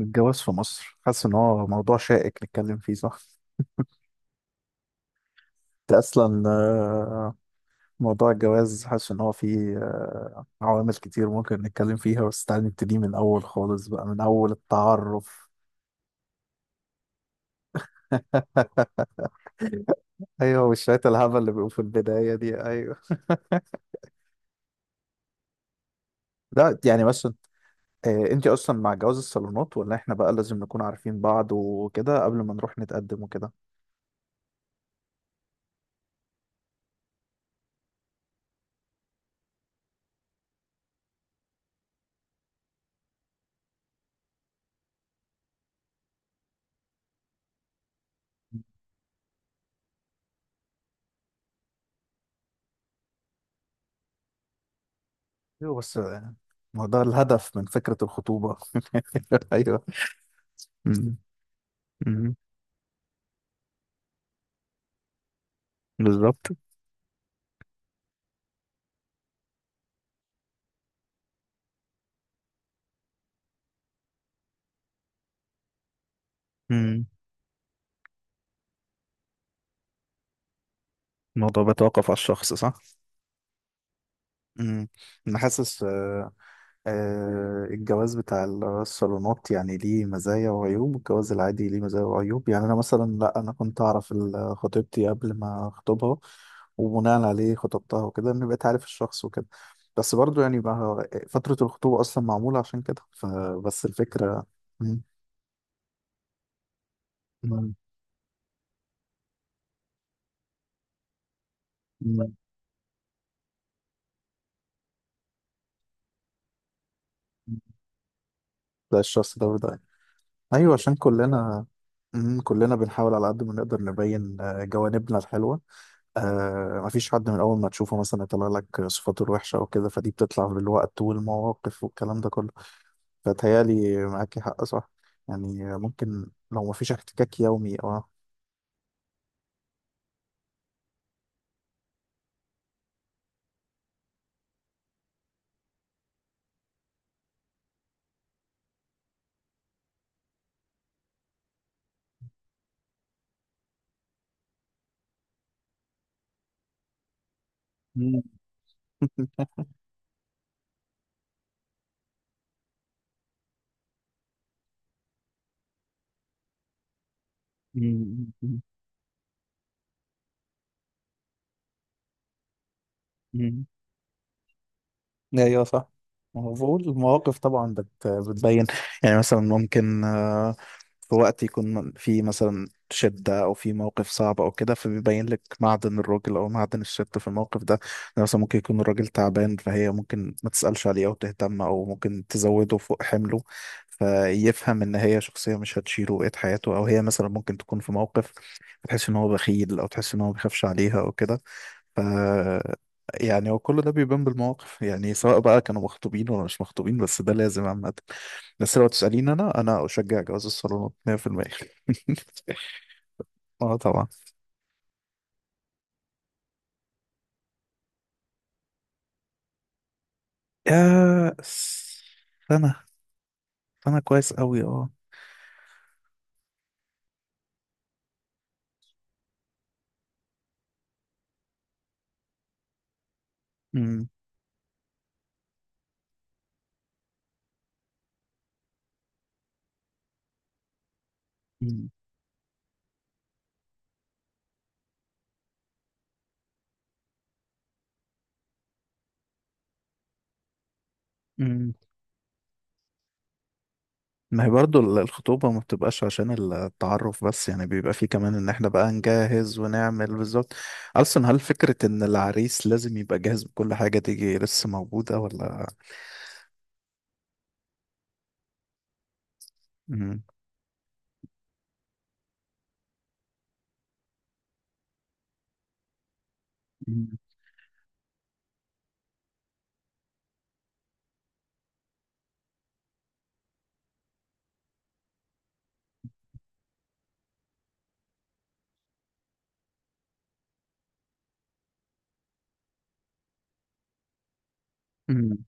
الجواز في مصر، حاسس ان هو موضوع شائك نتكلم فيه، صح؟ ده اصلا. موضوع الجواز، حاسس ان هو فيه عوامل كتير ممكن نتكلم فيها، بس تعالى نبتدي من اول خالص بقى، من اول التعرف. ايوه، وشوية الهبل اللي بيبقوا في البداية دي، ايوه. لا يعني، بس انت، انت اصلا مع جواز الصالونات، ولا احنا بقى لازم نكون عارفين بعض وكده قبل ما نروح نتقدم وكده؟ ايوه بس، ما هو ده الهدف من فكرة الخطوبة. ايوه. مم. مم. بالظبط. امم الموضوع بيتوقف على الشخص، صح. امم. انا حاسس، الجواز بتاع الصالونات يعني ليه مزايا وعيوب، والجواز العادي ليه مزايا وعيوب. يعني انا مثلا لا، انا كنت اعرف خطيبتي قبل ما اخطبها، وبناء عليه خطبتها وكده، ان بقيت عارف الشخص وكده. بس برضو يعني بقى فترة الخطوبة اصلا معمولة عشان كده، فبس الفكرة. مم. مم. مم. ده الشخص ده وده. ايوه، عشان كلنا، كلنا بنحاول على قد ما نقدر نبين جوانبنا الحلوه. مفيش حد من اول ما تشوفه مثلا يطلع لك صفاته الوحشه او كده، فدي بتطلع بالوقت والمواقف والكلام ده كله. فتهيالي معاكي حق، صح، يعني ممكن لو مفيش احتكاك يومي، اه. مم. مم. مم. مم. ايوه، صح. مفهوم، المواقف طبعا بتبين. يعني مثلا ممكن في وقت يكون في مثلا شدة أو في موقف صعب أو كده، فبيبين لك معدن الراجل أو معدن الست في الموقف ده. يعني مثلا ممكن يكون الراجل تعبان، فهي ممكن ما تسألش عليه أو تهتم، أو ممكن تزوده فوق حمله، فيفهم إن هي شخصية مش هتشيله بقية حياته. أو هي مثلا ممكن تكون في موقف تحس إن هو بخيل، أو تحس إن هو بيخافش عليها أو كده. ف يعني هو كل ده بيبان بالمواقف، يعني سواء بقى كانوا مخطوبين ولا مش مخطوبين، بس ده لازم عامة. بس لو تسأليني، أنا أشجع جواز الصالونات 100%. أه طبعا. يا سنة. سنة كويس أوي، أه. أمم، أمم، أمم. ما هي برضو الخطوبة ما بتبقاش عشان التعرف بس، يعني بيبقى فيه كمان إن إحنا بقى نجهز ونعمل بالظبط. أصلا هل فكرة إن العريس لازم يبقى جاهز بكل حاجة دي لسه موجودة ولا؟ أمم، أمم، أمم،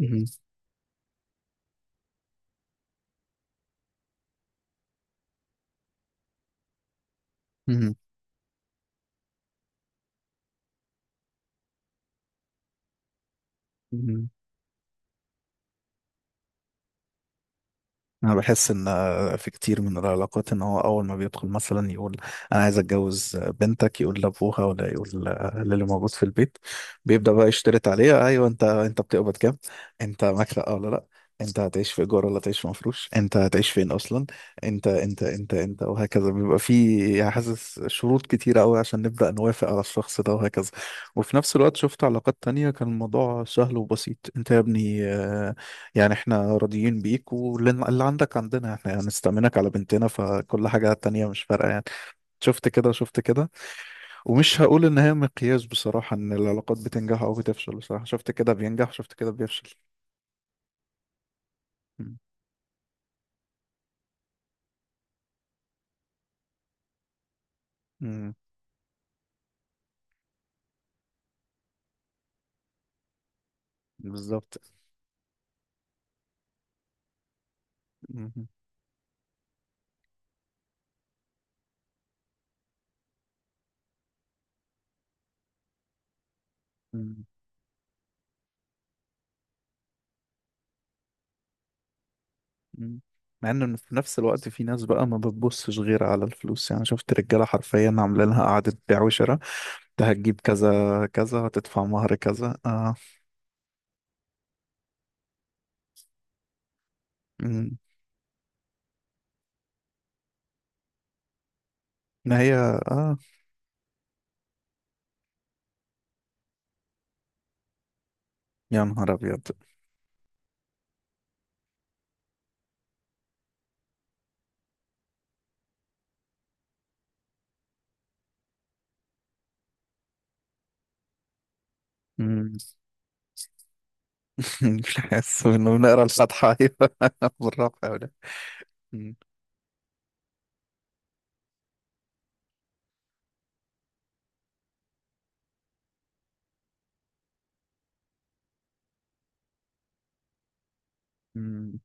أمم، أمم، أمم. انا بحس ان في كتير من العلاقات، ان هو اول ما بيدخل مثلا يقول انا عايز اتجوز بنتك، يقول لابوها ولا يقول للي موجود في البيت، بيبدأ بقى يشترط عليها. ايوه، انت بتقبض كام، انت معاك شقه ولا لا، انت هتعيش في ايجار ولا هتعيش في مفروش، انت هتعيش فين اصلا، انت انت انت انت، وهكذا. بيبقى في يعني حاسس شروط كتيره قوي عشان نبدأ نوافق على الشخص ده، وهكذا. وفي نفس الوقت شفت علاقات تانية كان الموضوع سهل وبسيط: انت يا ابني، يعني احنا راضيين بيك، واللي عندك عندنا، احنا هنستأمنك على بنتنا، فكل حاجة تانية مش فارقة يعني. شفت كده، شفت كده. ومش هقول ان هي مقياس بصراحة، ان العلاقات بتنجح او بتفشل، بصراحة شفت كده بينجح، شفت كده بيفشل. مم. مم. بالظبط. مم. مم. مم. مع ان في نفس الوقت في ناس بقى ما بتبصش غير على الفلوس، يعني شفت رجالة حرفيا عاملين لها قعدة بيع وشراء: انت هتجيب كذا كذا، هتدفع مهر كذا، اه. مم. ما هي، اه، يا نهار ابيض. الحس انه بنقرا الفاتحه، ايوه. بالرفع ولا. مم. مم.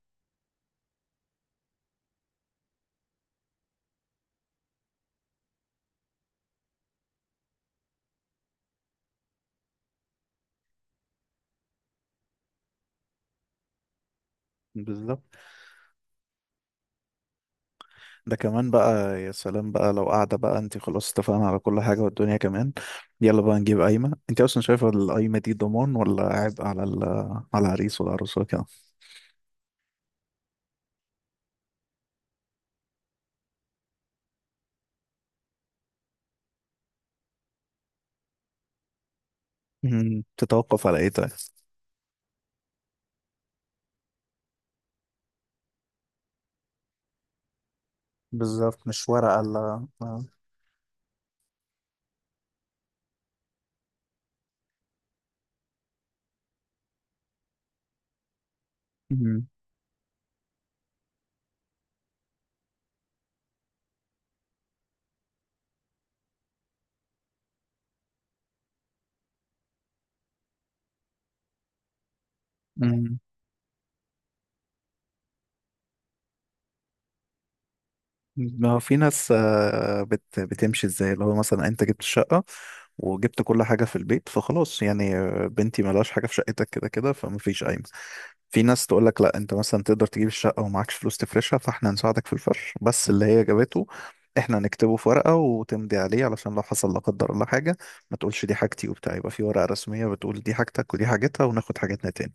بالظبط. ده كمان بقى، يا سلام بقى لو قاعده بقى، انت خلاص اتفقنا على كل حاجه، والدنيا كمان يلا بقى نجيب قايمه. انت اصلا شايفه القايمه دي ضمان ولا عبء على على العريس والعروس وكده؟ مم. تتوقف على ايه طيب؟ بالظبط، مش ورقه، لا. مم. مم. ما هو في ناس آه، بت بتمشي ازاي، اللي هو مثلا انت جبت الشقة وجبت كل حاجة في البيت، فخلاص يعني بنتي ملهاش حاجة في شقتك كده كده، فمفيش قايمة. في ناس تقول لك لا، انت مثلا تقدر تجيب الشقة ومعكش فلوس تفرشها، فاحنا هنساعدك في الفرش، بس اللي هي جابته احنا هنكتبه في ورقة وتمضي عليه، علشان لو حصل لا قدر الله حاجة ما تقولش دي حاجتي وبتاع، يبقى في ورقة رسمية بتقول دي حاجتك ودي حاجتها، وناخد حاجتنا تاني.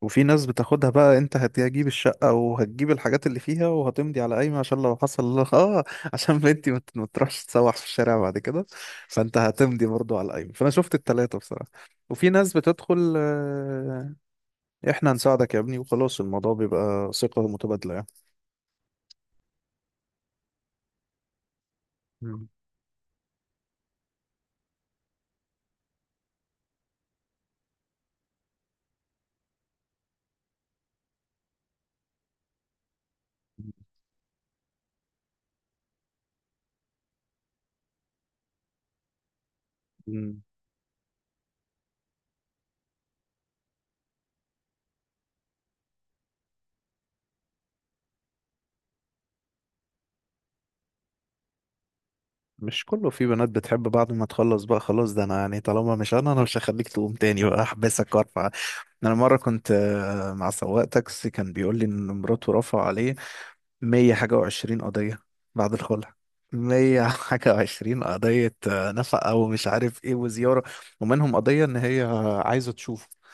وفي ناس بتاخدها بقى، انت هتجيب الشقة وهتجيب الحاجات اللي فيها وهتمضي على قايمة، عشان لو حصل اه، عشان بنتي ما تروحش تسوح في الشارع بعد كده، فانت هتمضي برضو على القايمة. فانا شفت التلاتة بصراحة. وفي ناس بتدخل، احنا هنساعدك يا ابني وخلاص، الموضوع بيبقى ثقة متبادلة يعني. مم. مم. مش كله. في بنات بتحب بعد ما تخلص بقى خلاص، ده انا يعني طالما مش، انا مش هخليك تقوم تاني بقى، احبسك وارفع. انا مره كنت، مع سواق تاكسي كان بيقول لي ان مراته رفع عليه مية حاجة وعشرين قضية بعد الخلع. مية حاجة وعشرين قضية، نفقة ومش عارف ايه وزيارة، ومنهم قضية ان هي عايزة تشوفه.